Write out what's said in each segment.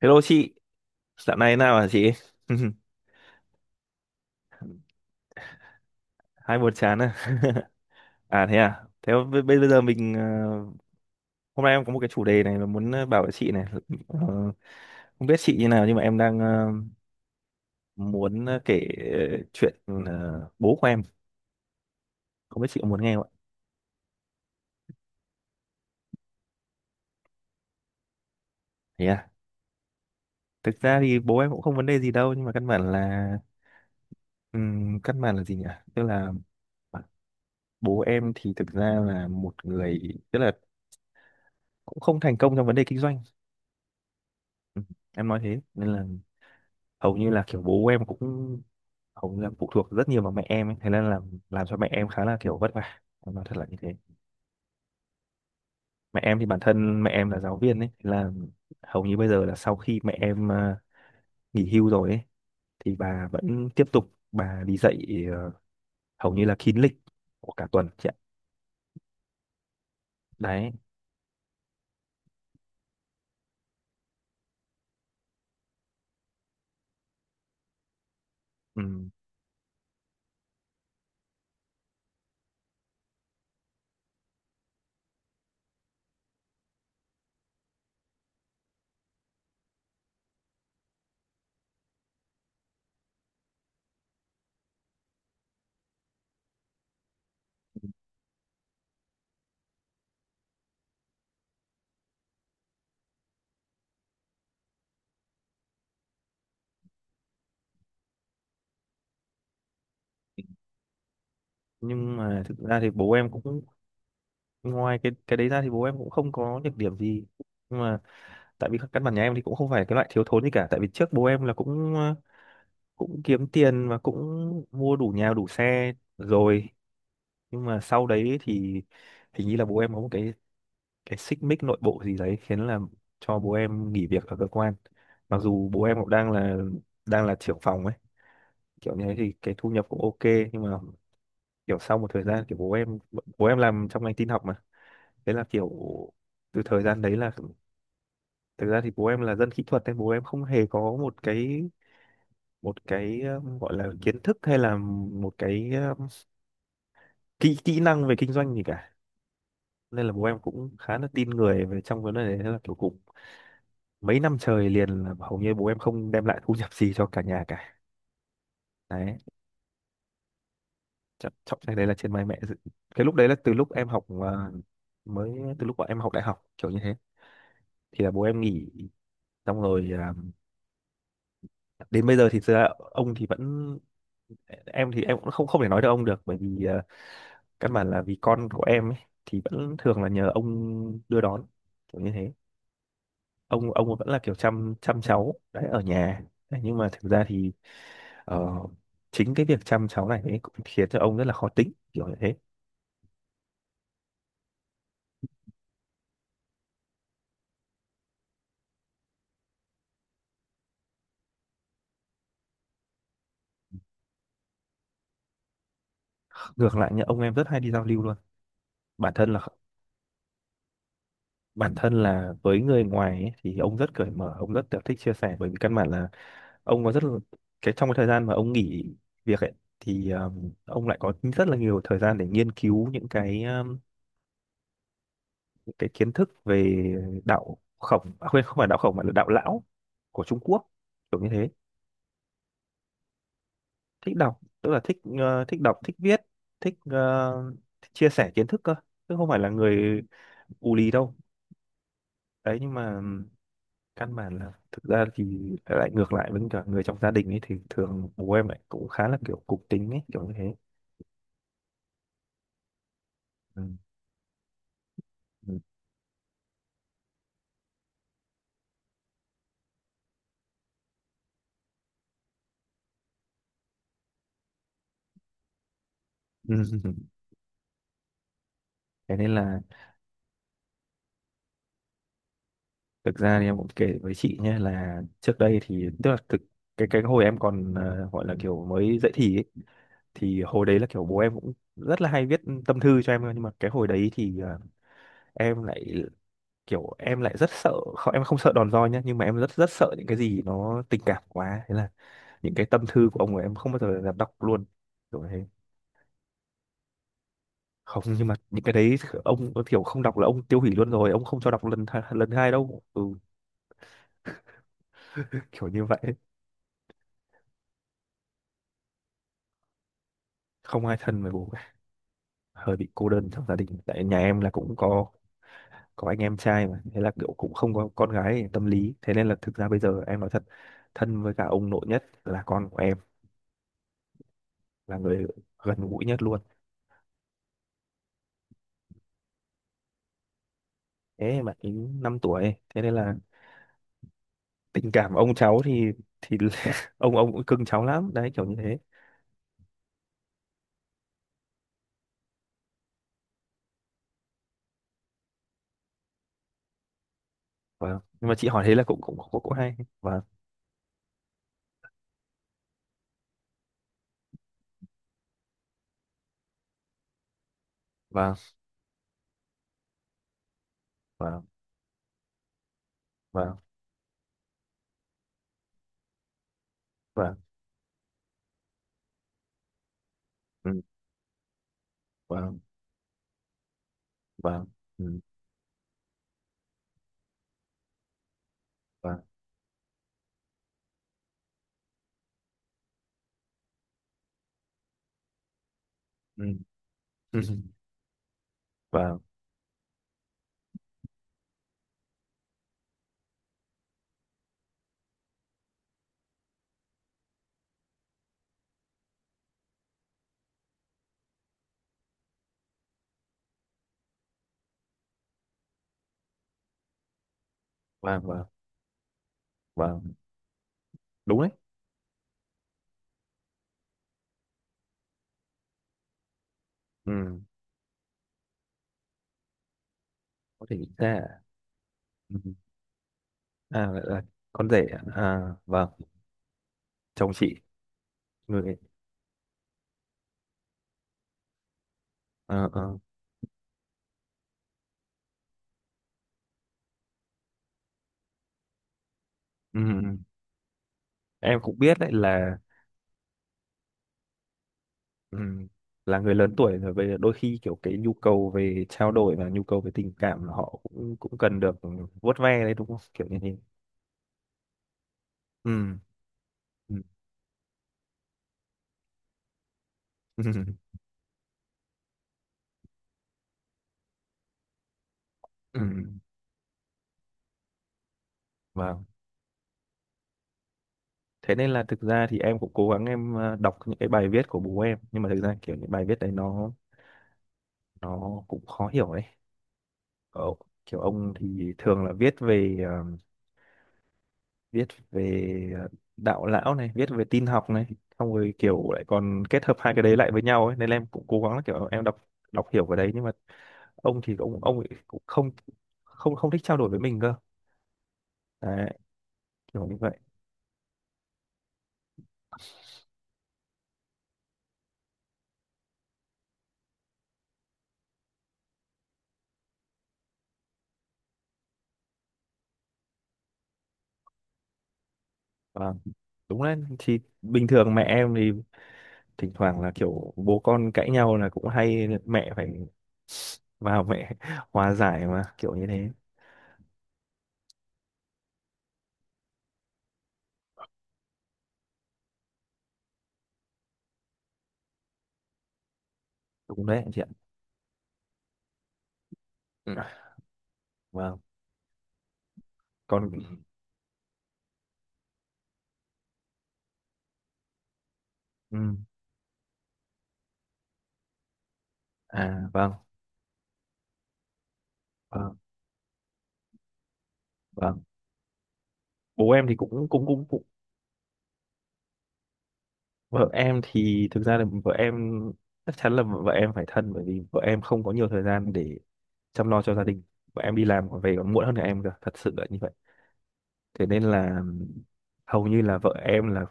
Hello chị, dạo này nào hả chị? Hai buồn chán à? À? Thế bây giờ mình hôm nay em có một cái chủ đề này mà muốn bảo với chị này. Ờ, không biết chị như nào nhưng mà em đang muốn kể chuyện bố của em. Không biết chị có muốn nghe không ạ? Thế à? Thực ra thì bố em cũng không vấn đề gì đâu nhưng mà căn bản là gì nhỉ? Tức là bố em thì thực ra là một người tức là cũng không thành công trong vấn đề kinh doanh. Ừ, em nói thế nên là hầu như là kiểu bố em cũng hầu như là phụ thuộc rất nhiều vào mẹ em ấy. Thế nên là làm cho mẹ em khá là kiểu vất vả, em nói thật là như thế. Mẹ em thì bản thân mẹ em là giáo viên ấy. Thế là hầu như bây giờ là sau khi mẹ em nghỉ hưu rồi ấy thì bà vẫn tiếp tục bà đi dạy, ờ, hầu như là kín lịch của cả tuần chị ạ. Đấy. Ừ, nhưng mà thực ra thì bố em cũng ngoài cái đấy ra thì bố em cũng không có nhược điểm gì, nhưng mà tại vì các căn bản nhà em thì cũng không phải cái loại thiếu thốn gì cả, tại vì trước bố em là cũng cũng kiếm tiền và cũng mua đủ nhà đủ xe rồi. Nhưng mà sau đấy thì hình như là bố em có một cái xích mích nội bộ gì đấy khiến là cho bố em nghỉ việc ở cơ quan, mặc dù bố em cũng đang là trưởng phòng ấy, kiểu như thế thì cái thu nhập cũng ok. Nhưng mà kiểu sau một thời gian kiểu bố em làm trong ngành tin học mà, thế là kiểu từ thời gian đấy là thực ra thì bố em là dân kỹ thuật nên bố em không hề có một cái gọi là kiến thức hay là một cái kỹ kỹ năng về kinh doanh gì cả, nên là bố em cũng khá là tin người về trong vấn đề đấy. Thế là kiểu cũng mấy năm trời liền là hầu như bố em không đem lại thu nhập gì cho cả nhà cả. Đấy. Trọng trọng cái đấy là trên vai mẹ. Cái lúc đấy là từ lúc em học mới từ lúc bọn em học đại học kiểu như thế thì là bố em nghỉ, xong rồi đến bây giờ thì thực ra ông thì vẫn, em thì em cũng không không thể nói được ông được, bởi vì căn bản là vì con của em ấy, thì vẫn thường là nhờ ông đưa đón kiểu như thế. Ông vẫn là kiểu chăm chăm cháu đấy ở nhà. Đấy, nhưng mà thực ra thì ờ, chính cái việc chăm cháu này ấy cũng khiến cho ông rất là khó tính kiểu như thế. Ngược lại nhá, ông em rất hay đi giao lưu luôn. Bản thân là bản thân là với người ngoài ấy, thì ông rất cởi mở, ông rất kiểu thích chia sẻ, bởi vì căn bản là ông có rất là cái trong cái thời gian mà ông nghỉ việc ấy, thì ông lại có rất là nhiều thời gian để nghiên cứu những cái kiến thức về đạo khổng à, quên, không phải đạo khổng mà là đạo lão của Trung Quốc, kiểu như thế. Thích đọc tức là thích thích đọc thích viết, thích thích chia sẻ kiến thức cơ, chứ không phải là người ù lì đâu. Đấy, nhưng mà căn bản là thực ra thì lại ngược lại với cả người trong gia đình ấy thì thường bố em lại cũng khá là kiểu cục tính ấy, kiểu như thế. Ừ. Ừ. Thế nên là thực ra thì em cũng kể với chị nhé là trước đây thì tức là thực cái hồi em còn gọi là kiểu mới dậy thì ấy, thì hồi đấy là kiểu bố em cũng rất là hay viết tâm thư cho em cơ, nhưng mà cái hồi đấy thì em lại kiểu em lại rất sợ, không em không sợ đòn roi nhá, nhưng mà em rất rất sợ những cái gì nó tình cảm quá, thế là những cái tâm thư của ông ấy em không bao giờ dám đọc luôn, kiểu thế. Không, nhưng mà những cái đấy ông có kiểu không đọc là ông tiêu hủy luôn rồi, ông không cho đọc lần lần hai đâu. Ừ. Kiểu như vậy. Không ai thân với bố, hơi bị cô đơn trong gia đình, tại nhà em là cũng có anh em trai mà, thế là kiểu cũng không có con gái tâm lý, thế nên là thực ra bây giờ em nói thật, thân với cả ông nội nhất là con của em, là người gần gũi nhất luôn. Ê, mà ấy 5 tuổi, thế nên là tình cảm ông cháu thì ông cũng cưng cháu lắm, đấy kiểu như thế. Vâng. Nhưng mà chị hỏi thế là cũng hay. Vâng, vâng, vâng, vâng, vâng, ừ, vâng, vâng, ừ, vâng, ừ, ừ, vâng, vâng, vâng, vâng. Đúng đấy. Ừ, có thể nghĩ ra. À? Ừ. À, lại là con rể à? À, vâng, chồng chị, người, ờ ờ. Ừ. Ừ. Ừ. Em cũng biết đấy là, ừ. Là người lớn tuổi rồi về đôi khi kiểu cái nhu cầu về trao đổi và nhu cầu về tình cảm là họ cũng cũng cần được vuốt ve đấy, đúng không, kiểu như thế. Ừ, ừ, ừ, ừ, vâng. Thế nên là thực ra thì em cũng cố gắng em đọc những cái bài viết của bố em, nhưng mà thực ra kiểu những bài viết đấy nó cũng khó hiểu đấy. Ờ, kiểu ông thì thường là viết về viết về đạo lão này, viết về tin học này, xong rồi kiểu lại còn kết hợp hai cái đấy lại với nhau ấy, nên là em cũng cố gắng là kiểu em đọc đọc hiểu cái đấy, nhưng mà ông thì ông ấy cũng không không không thích trao đổi với mình cơ. Đấy kiểu như vậy. Và đúng đấy, thì bình thường mẹ em thì thỉnh thoảng là kiểu bố con cãi nhau là cũng hay mẹ phải vào mẹ hòa giải mà, kiểu như thế. Đúng đấy anh chị ạ. Ừ. Vâng, còn, ừ, à vâng, vâng, vâng, bố em thì cũng cũng cũng cũng vợ em thì thực ra là vợ em chắc chắn là vợ em phải thân, bởi vì vợ em không có nhiều thời gian để chăm lo cho gia đình, vợ em đi làm còn về còn muộn hơn cả em cơ, thật sự là như vậy. Thế nên là hầu như là vợ em là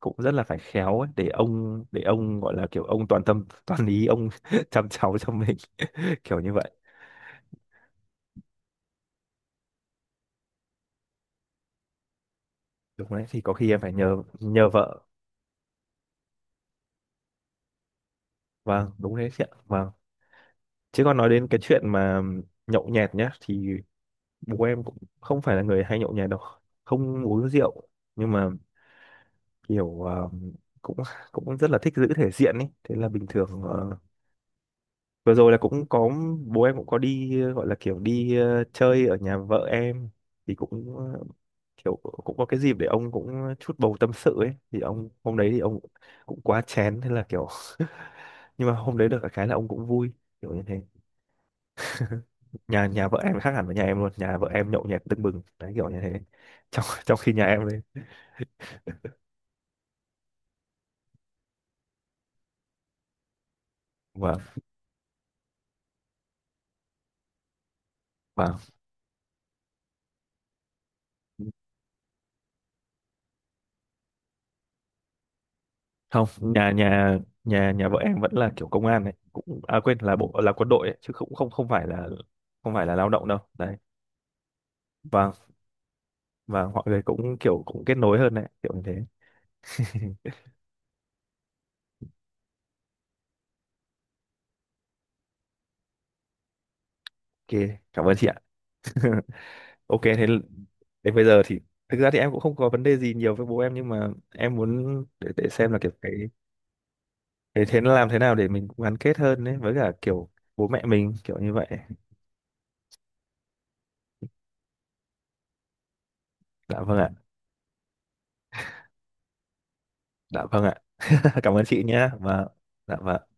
cũng rất là phải khéo ấy, để ông gọi là kiểu ông toàn tâm toàn ý ông chăm cháu cho mình. Kiểu như vậy. Đúng đấy thì có khi em phải nhờ nhờ vợ. Vâng đúng đấy chị ạ, vâng. Chứ còn nói đến cái chuyện mà nhậu nhẹt nhá thì bố em cũng không phải là người hay nhậu nhẹt đâu, không uống rượu, nhưng mà kiểu cũng cũng rất là thích giữ thể diện ấy, thế là bình thường vừa rồi là cũng có bố em cũng có đi gọi là kiểu đi chơi ở nhà vợ em thì cũng kiểu cũng có cái dịp để ông cũng chút bầu tâm sự ấy, thì ông hôm đấy thì ông cũng quá chén, thế là kiểu nhưng mà hôm đấy được cái là ông cũng vui, kiểu như thế. Nhà nhà vợ em khác hẳn với nhà em luôn, nhà vợ em nhậu nhẹt tưng bừng đấy kiểu như thế, trong trong khi nhà em đấy. Vâng, không, nhà nhà nhà nhà vợ em vẫn là kiểu công an này, cũng à quên là bộ là quân đội ấy, chứ cũng không không phải là không phải là lao động đâu đấy. Và và mọi người cũng kiểu cũng kết nối hơn đấy kiểu như thế. Ok, cảm ơn chị ạ. Ok thế đến bây giờ thì thực ra thì em cũng không có vấn đề gì nhiều với bố em, nhưng mà em muốn để xem là kiểu cái thế thế làm thế nào để mình cũng gắn kết hơn đấy với cả kiểu bố mẹ mình kiểu như vậy. Dạ vâng ạ. Dạ vâng ạ. Cảm ơn chị nhé. Và dạ vâng.